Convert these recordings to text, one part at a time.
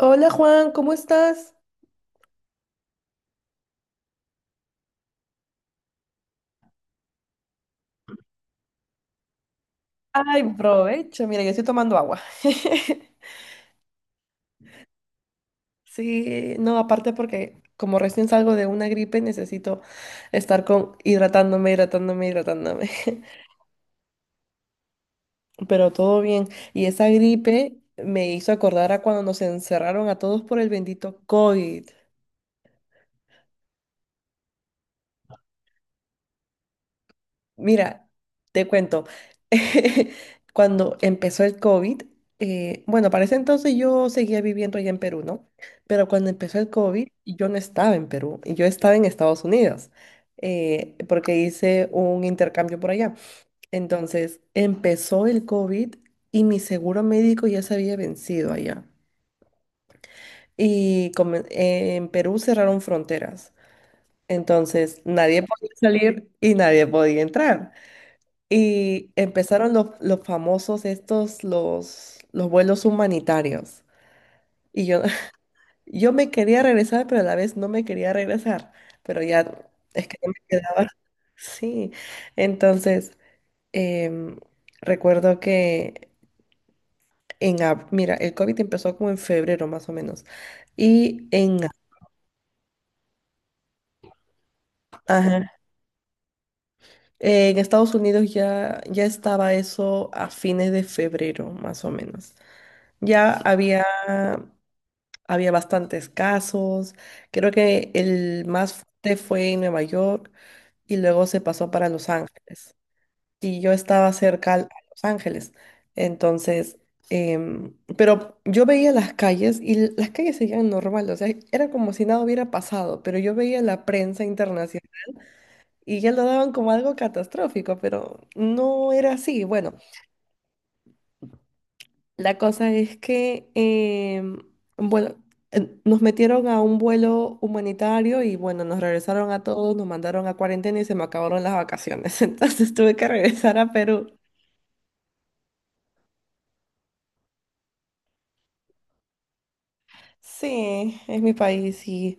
Hola Juan, ¿cómo estás? Ay, provecho, mira, yo estoy tomando agua. Sí, no, aparte porque como recién salgo de una gripe necesito estar con hidratándome, hidratándome, hidratándome. Pero todo bien. Y esa gripe me hizo acordar a cuando nos encerraron a todos por el bendito COVID. Mira, te cuento, cuando empezó el COVID, bueno, para ese entonces yo seguía viviendo allá en Perú, ¿no? Pero cuando empezó el COVID, yo no estaba en Perú, yo estaba en Estados Unidos, porque hice un intercambio por allá. Entonces, empezó el COVID y mi seguro médico ya se había vencido allá. Y en Perú cerraron fronteras, entonces nadie podía salir y nadie podía entrar. Y empezaron los famosos estos, los vuelos humanitarios. Y yo, yo me quería regresar, pero a la vez no me quería regresar. Pero ya es que no me quedaba. Sí. Entonces, em, recuerdo que mira, el COVID empezó como en febrero más o menos. Y en, ajá, en Estados Unidos ya estaba eso a fines de febrero más o menos. Ya había Había bastantes casos. Creo que el más fuerte fue en Nueva York y luego se pasó para Los Ángeles. Y yo estaba cerca a Los Ángeles. Entonces, pero yo veía las calles y las calles seguían normal. O sea, era como si nada hubiera pasado, pero yo veía la prensa internacional y ya lo daban como algo catastrófico, pero no era así. Bueno. La cosa es que, bueno, nos metieron a un vuelo humanitario y bueno, nos regresaron a todos, nos mandaron a cuarentena y se me acabaron las vacaciones. Entonces tuve que regresar a Perú. Sí, es mi país y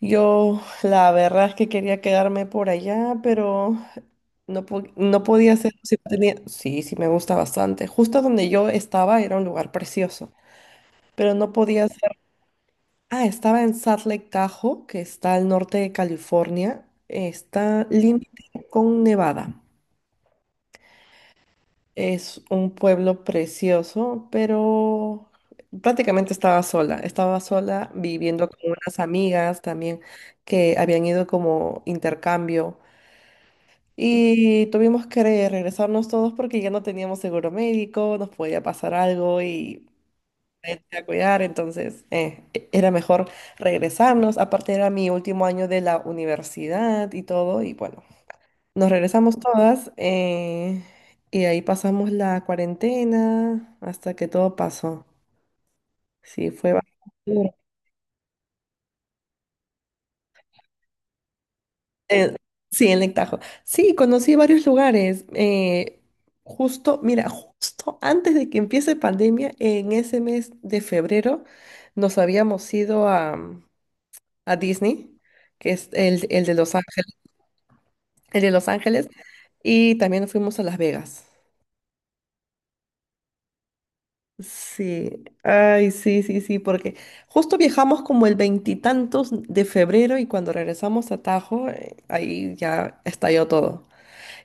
yo la verdad es que quería quedarme por allá, pero no, no podía hacerlo si no tenía. Sí, sí, me gusta bastante. Justo donde yo estaba era un lugar precioso, pero no podía. Ah, estaba en Salt Lake Tahoe, que está al norte de California. Está límite con Nevada. Es un pueblo precioso, pero prácticamente estaba sola. Estaba sola viviendo con unas amigas también que habían ido como intercambio. Y tuvimos que regresarnos todos porque ya no teníamos seguro médico, nos podía pasar algo y gente a cuidar, entonces era mejor regresarnos. Aparte era mi último año de la universidad y todo, y bueno, nos regresamos todas y ahí pasamos la cuarentena hasta que todo pasó. Sí, fue bastante duro. Eh, sí, en Lectajo. Sí, conocí varios lugares. Justo, mira, justo antes de que empiece pandemia, en ese mes de febrero, nos habíamos ido a Disney, que es el de Los Ángeles, el de Los Ángeles, y también fuimos a Las Vegas. Sí, ay, sí, sí, sí, porque justo viajamos como el veintitantos de febrero y cuando regresamos a Tajo, ahí ya estalló todo.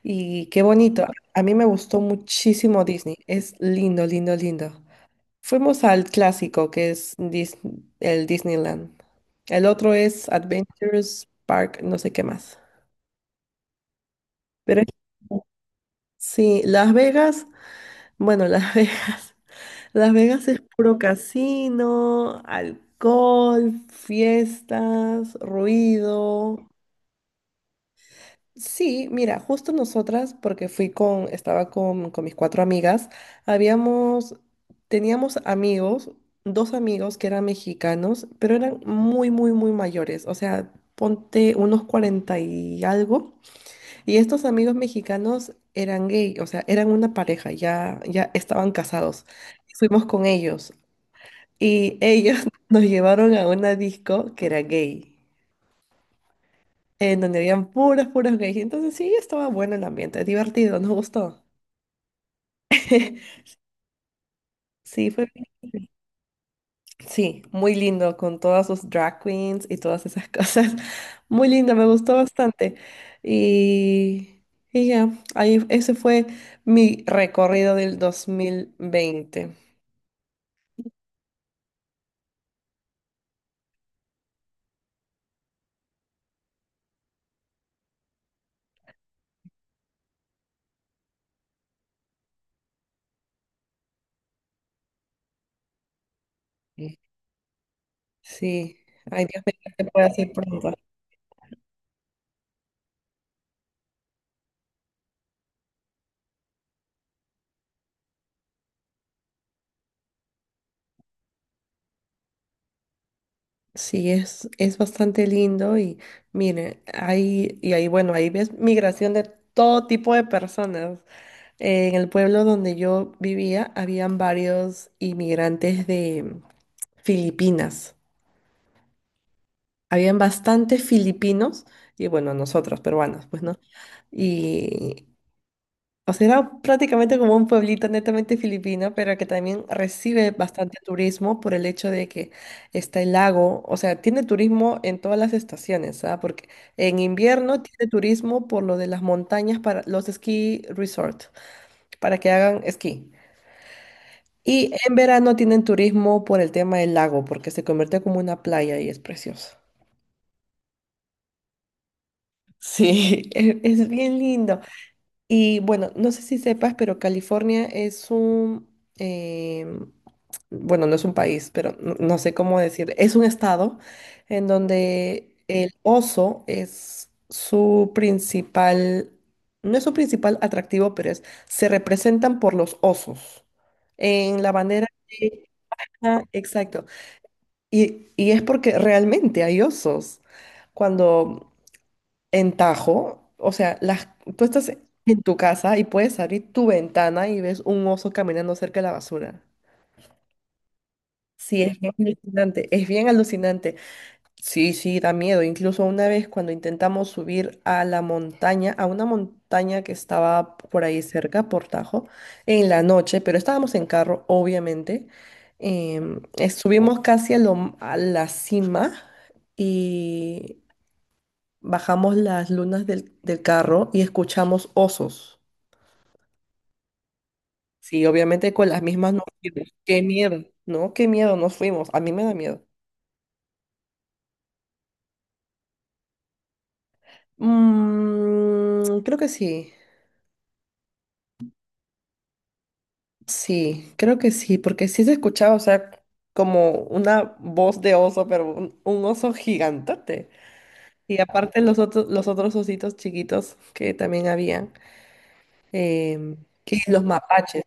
Y qué bonito, a mí me gustó muchísimo Disney, es lindo, lindo, lindo. Fuimos al clásico que es el Disneyland. El otro es Adventures Park, no sé qué más. Pero es Sí, Las Vegas, bueno, Las Vegas, Las Vegas es puro casino, alcohol, fiestas, ruido. Sí, mira, justo nosotras, porque estaba con mis cuatro amigas, habíamos, teníamos amigos, dos amigos que eran mexicanos, pero eran muy, muy, muy mayores, o sea, ponte unos cuarenta y algo. Y estos amigos mexicanos eran gay, o sea, eran una pareja, ya, ya estaban casados. Fuimos con ellos y ellos nos llevaron a una disco que era gay, en donde habían puras gays. Entonces sí, estaba bueno el ambiente, divertido, nos gustó. Sí, fue bien. Sí, muy lindo, con todas sus drag queens y todas esas cosas. Muy lindo, me gustó bastante. Y, y ya, ahí, ese fue mi recorrido del 2020. Sí, ay Dios mío, que se puede hacer pronto. Sí, es bastante lindo y y ahí, bueno, ahí ves migración de todo tipo de personas. En el pueblo donde yo vivía, habían varios inmigrantes de Filipinas. Habían bastantes filipinos y bueno, nosotros peruanos, pues, ¿no? Y, O sea, era prácticamente como un pueblito netamente filipino, pero que también recibe bastante turismo por el hecho de que está el lago. O sea, tiene turismo en todas las estaciones, ¿sabes? Porque en invierno tiene turismo por lo de las montañas para los ski resort, para que hagan esquí. Y en verano tienen turismo por el tema del lago, porque se convierte como una playa y es precioso. Sí, es bien lindo. Y bueno, no sé si sepas, pero California es em, bueno, no es un país, pero no sé cómo decir, es un estado en donde el oso es su principal, no es su principal atractivo, pero se representan por los osos en la bandera. de- ah, exacto. Y es porque realmente hay osos. Cuando en Tajo, o sea, tú estás en tu casa y puedes abrir tu ventana y ves un oso caminando cerca de la basura. Sí, es bien alucinante, es bien alucinante. Sí, sí, da miedo. Incluso una vez cuando intentamos subir a la montaña, a una montaña que estaba por ahí cerca, por Tajo, en la noche, pero estábamos en carro, obviamente. Subimos casi a la cima y bajamos las lunas del carro y escuchamos osos. Sí, obviamente con las mismas nos fuimos. Qué miedo, ¿no? Qué miedo nos fuimos. A mí me da miedo. Mm, creo que sí. Sí, creo que sí, porque sí se escuchaba, o sea, como una voz de oso, pero un oso gigantote. Y aparte los otros ositos chiquitos que también habían, em, que los mapaches.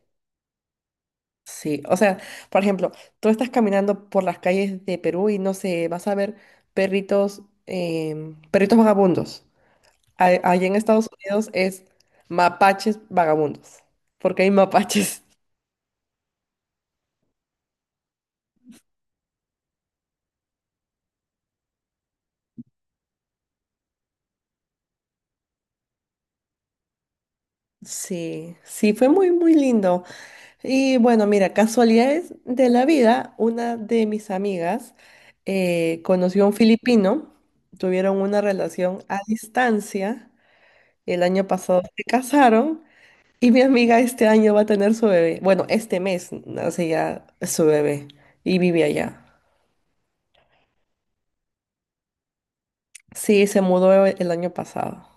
Sí, o sea, por ejemplo, tú estás caminando por las calles de Perú y no sé, vas a ver perritos vagabundos. Allí en Estados Unidos es mapaches vagabundos, porque hay mapaches. Sí, sí, fue muy, muy lindo. Y bueno, mira, casualidades de la vida, una de mis amigas conoció a un filipino, tuvieron una relación a distancia, el año pasado se casaron. Y mi amiga este año va a tener su bebé. Bueno, este mes nace ya su bebé y vive allá. Sí, se mudó el año pasado.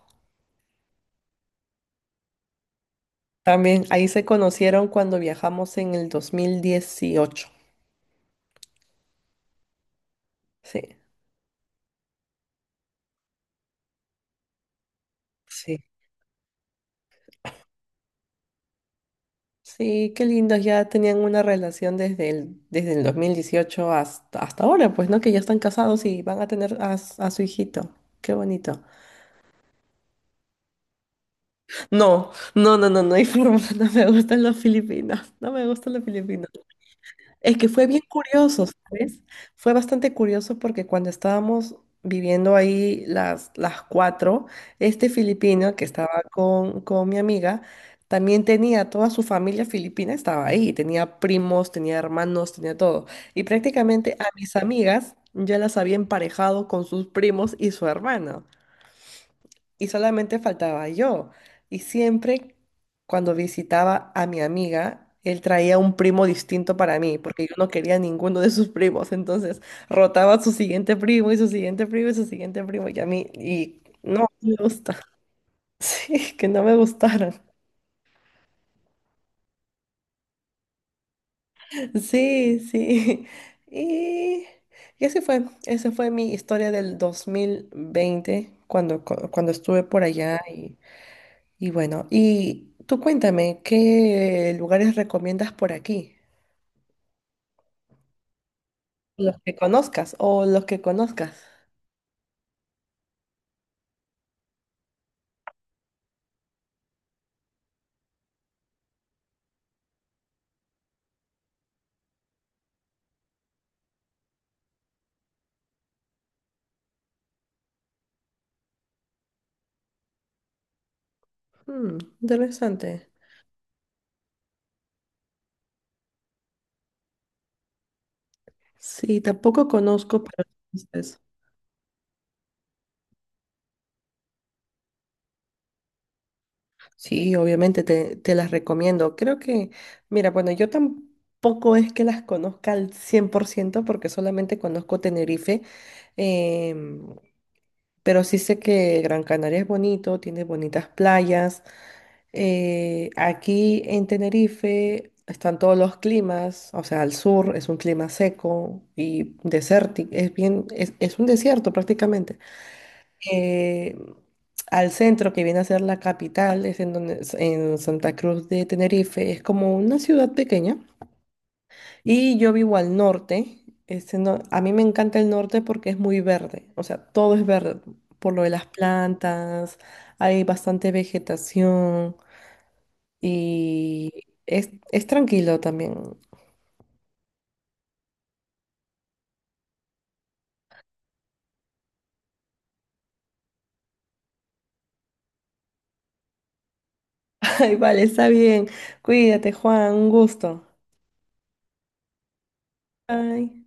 También ahí se conocieron cuando viajamos en el 2018. Sí, sí. Sí, qué lindos. Ya tenían una relación desde el 2018 hasta ahora, pues, ¿no? Que ya están casados y van a tener a su hijito. Qué bonito. No, no, no, no, no hay forma. No me gustan los filipinos. No me gustan los filipinos. Es que fue bien curioso, ¿sabes? Fue bastante curioso porque cuando estábamos viviendo ahí las cuatro, este filipino que estaba con mi amiga, también tenía toda su familia filipina, estaba ahí, tenía primos, tenía hermanos, tenía todo. Y prácticamente a mis amigas ya las había emparejado con sus primos y su hermano y solamente faltaba yo. Y siempre cuando visitaba a mi amiga, él traía un primo distinto para mí, porque yo no quería ninguno de sus primos. Entonces rotaba su siguiente primo y su siguiente primo y su siguiente primo. Y a mí, y no me gusta. Sí, que no me gustaron. Sí, sí. Y, y así fue. Esa fue mi historia del 2020, cuando estuve por allá. Y bueno, y tú cuéntame, ¿qué lugares recomiendas por aquí? Los que conozcas o los que conozcas. Hmm, interesante. Sí, tampoco conozco, pero entonces, sí, obviamente te las recomiendo. Creo que, mira, bueno, yo tampoco es que las conozca al 100% porque solamente conozco Tenerife, em, pero sí sé que Gran Canaria es bonito, tiene bonitas playas. Aquí en Tenerife están todos los climas, o sea, al sur es un clima seco y desértico, es un desierto prácticamente. Eh, al centro, que viene a ser la capital, es en donde, en Santa Cruz de Tenerife, es como una ciudad pequeña. Y yo vivo al norte. A mí me encanta el norte porque es muy verde, o sea, todo es verde, por lo de las plantas, hay bastante vegetación. Y es tranquilo también. Ay, vale, está bien. Cuídate, Juan, un gusto. Bye.